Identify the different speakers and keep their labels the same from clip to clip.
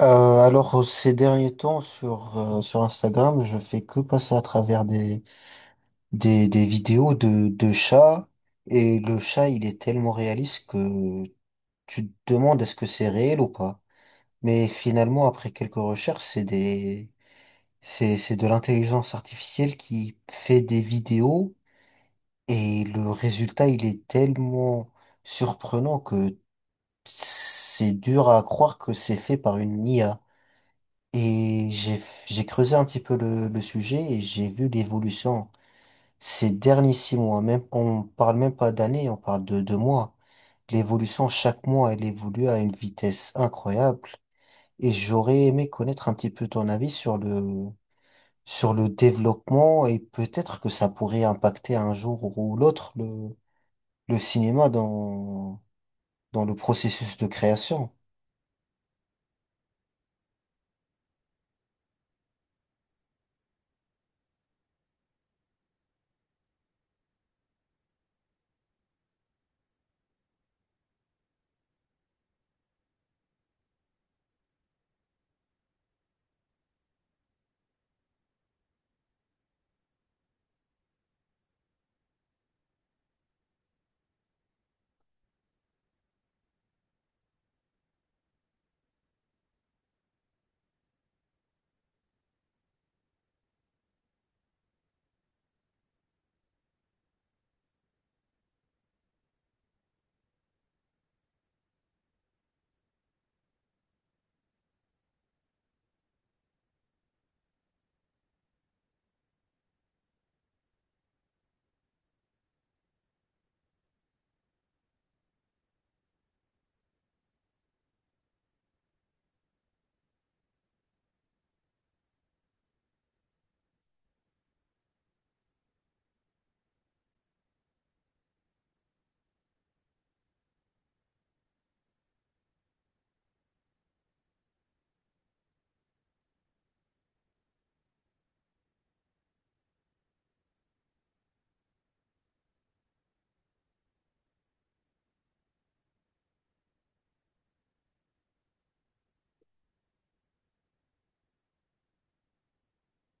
Speaker 1: Euh, ces derniers temps sur Instagram, je fais que passer à travers des vidéos de chats, et le chat il est tellement réaliste que tu te demandes est-ce que c'est réel ou pas. Mais finalement après quelques recherches, c'est des c'est de l'intelligence artificielle qui fait des vidéos, et le résultat il est tellement surprenant que c'est dur à croire que c'est fait par une IA. Et j'ai, j'ai creusé un petit peu le sujet et j'ai vu l'évolution ces derniers 6 mois. Même, on parle même pas d'années, on parle de mois. L'évolution, chaque mois, elle évolue à une vitesse incroyable. Et j'aurais aimé connaître un petit peu ton avis sur sur le développement, et peut-être que ça pourrait impacter un jour ou l'autre le cinéma dans le processus de création.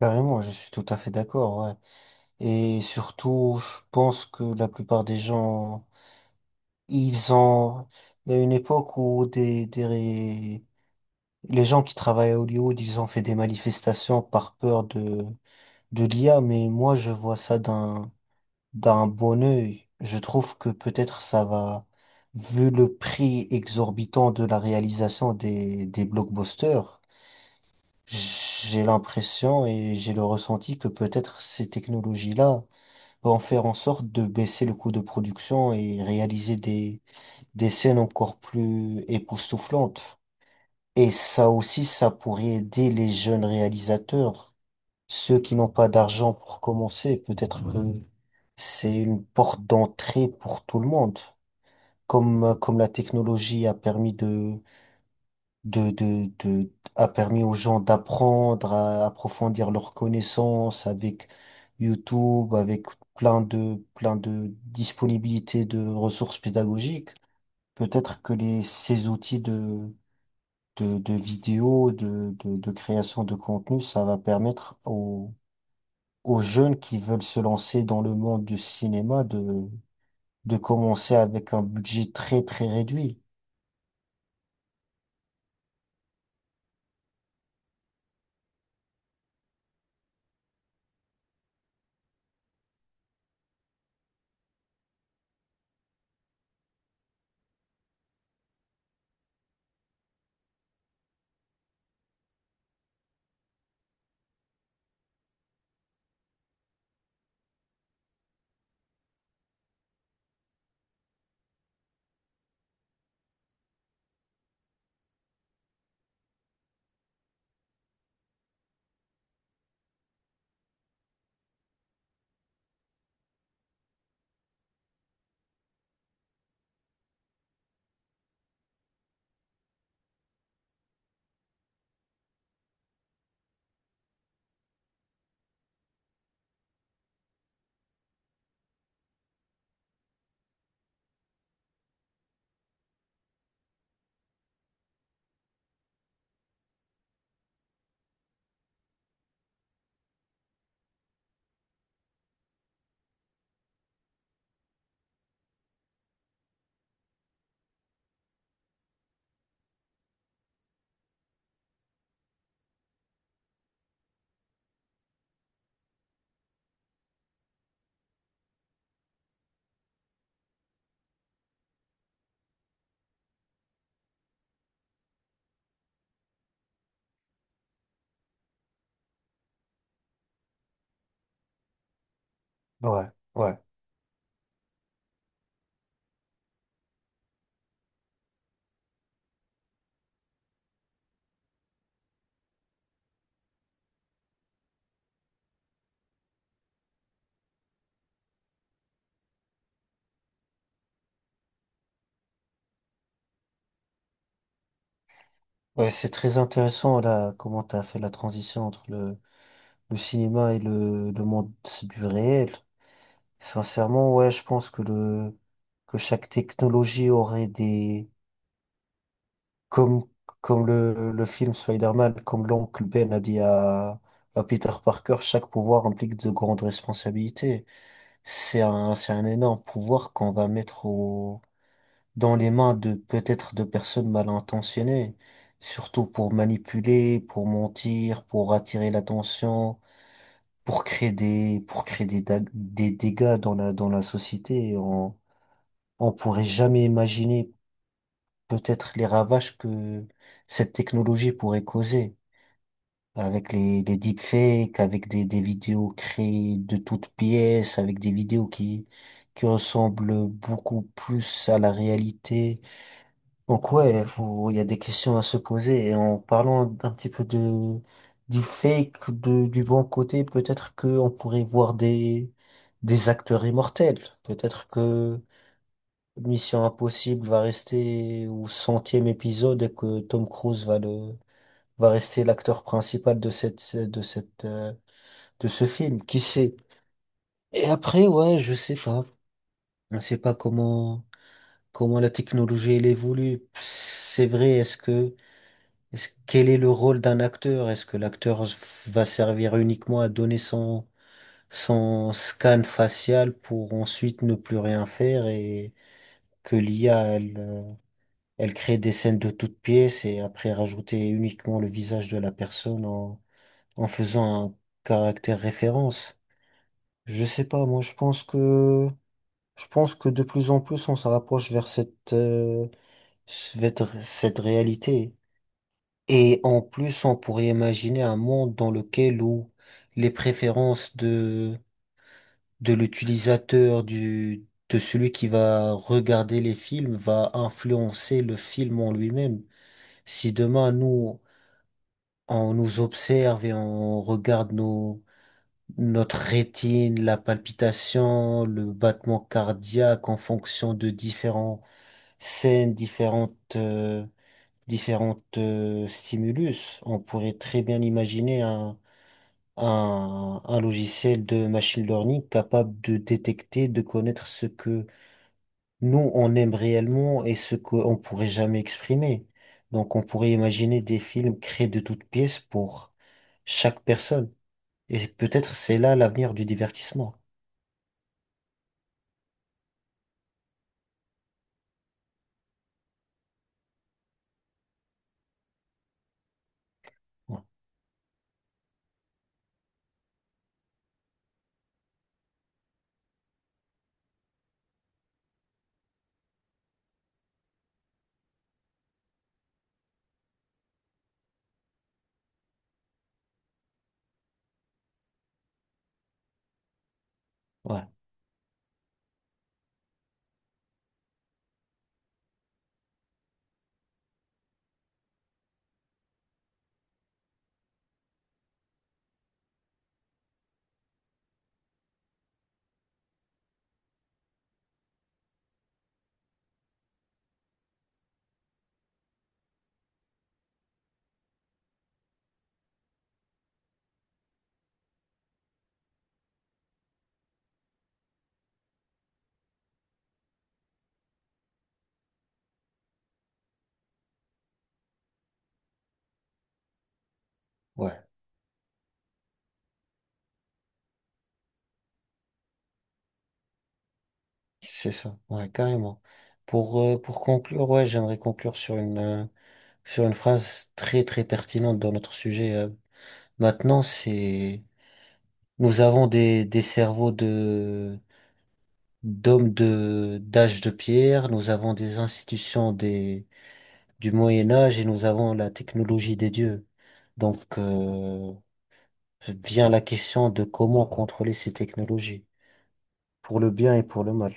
Speaker 1: Carrément, je suis tout à fait d'accord, ouais. Et surtout, je pense que la plupart des gens, ils ont... Il y a une époque où les gens qui travaillent à Hollywood ils ont fait des manifestations par peur de l'IA, mais moi, je vois ça d'un bon œil. Je trouve que peut-être ça va, vu le prix exorbitant de la réalisation des blockbusters, j'ai l'impression et j'ai le ressenti que peut-être ces technologies-là en faire en sorte de baisser le coût de production et réaliser des scènes encore plus époustouflantes. Et ça aussi, ça pourrait aider les jeunes réalisateurs, ceux qui n'ont pas d'argent pour commencer. Peut-être que c'est une porte d'entrée pour tout le monde. Comme la technologie a permis a permis aux gens d'apprendre, à approfondir leurs connaissances avec YouTube, avec plein de disponibilités de ressources pédagogiques. Peut-être que ces outils de vidéos, de création de contenu, ça va permettre aux jeunes qui veulent se lancer dans le monde du cinéma de commencer avec un budget très, très réduit. Ouais, ouais. Ouais, c'est très intéressant là, comment tu as fait la transition entre le cinéma et le monde du réel. Sincèrement, ouais, je pense que chaque technologie aurait des, comme le film Spider-Man, comme l'oncle Ben a dit à Peter Parker, chaque pouvoir implique de grandes responsabilités. C'est un énorme pouvoir qu'on va mettre dans les mains de, peut-être, de personnes mal intentionnées, surtout pour manipuler, pour mentir, pour attirer l'attention, pour créer des dégâts dans dans la société. On pourrait jamais imaginer peut-être les ravages que cette technologie pourrait causer. Avec les deepfakes, avec des vidéos créées de toutes pièces, avec des vidéos qui ressemblent beaucoup plus à la réalité. Donc ouais, il y a des questions à se poser. Et en parlant d'un petit peu de du fake, du bon côté, peut-être que on pourrait voir des acteurs immortels. Peut-être que Mission Impossible va rester au 100e épisode et que Tom Cruise va rester l'acteur principal de cette de cette de ce film. Qui sait? Et après, ouais, je sais pas. Je sais pas comment la technologie elle évolue. C'est vrai, quel est le rôle d'un acteur? Est-ce que l'acteur s- Va servir uniquement à donner son, son scan facial pour ensuite ne plus rien faire et que l'IA, elle, elle crée des scènes de toutes pièces et après rajouter uniquement le visage de la personne en faisant un caractère référence? Je sais pas, moi je pense que de plus en plus on se rapproche vers cette réalité. Et en plus, on pourrait imaginer un monde dans lequel où les préférences de l'utilisateur, de celui qui va regarder les films, va influencer le film en lui-même. Si demain, nous, on nous observe et on regarde notre rétine, la palpitation, le battement cardiaque en fonction de différentes scènes, différentes, stimulus, on pourrait très bien imaginer un logiciel de machine learning capable de détecter, de connaître ce que nous, on aime réellement et ce qu'on pourrait jamais exprimer. Donc, on pourrait imaginer des films créés de toutes pièces pour chaque personne. Et peut-être c'est là l'avenir du divertissement. Ouais, ouais, ouais, c'est ça. Ouais, carrément. Pour conclure, ouais, j'aimerais conclure sur sur une phrase très, très pertinente dans notre sujet. Maintenant, c'est... Nous avons des cerveaux d'hommes d'âge de pierre, nous avons des institutions du Moyen Âge et nous avons la technologie des dieux. Donc, euh, Vient la question de comment contrôler ces technologies, pour le bien et pour le mal.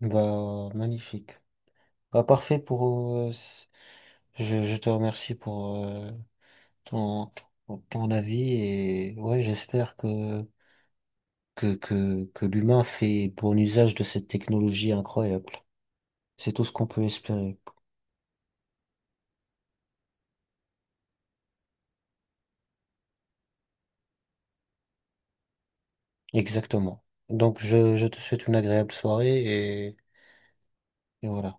Speaker 1: Bah, magnifique. Bah, parfait pour, je te remercie pour, ton, ton avis. Et ouais, j'espère que l'humain fait bon usage de cette technologie incroyable. C'est tout ce qu'on peut espérer. Exactement. Je te souhaite une agréable soirée et voilà.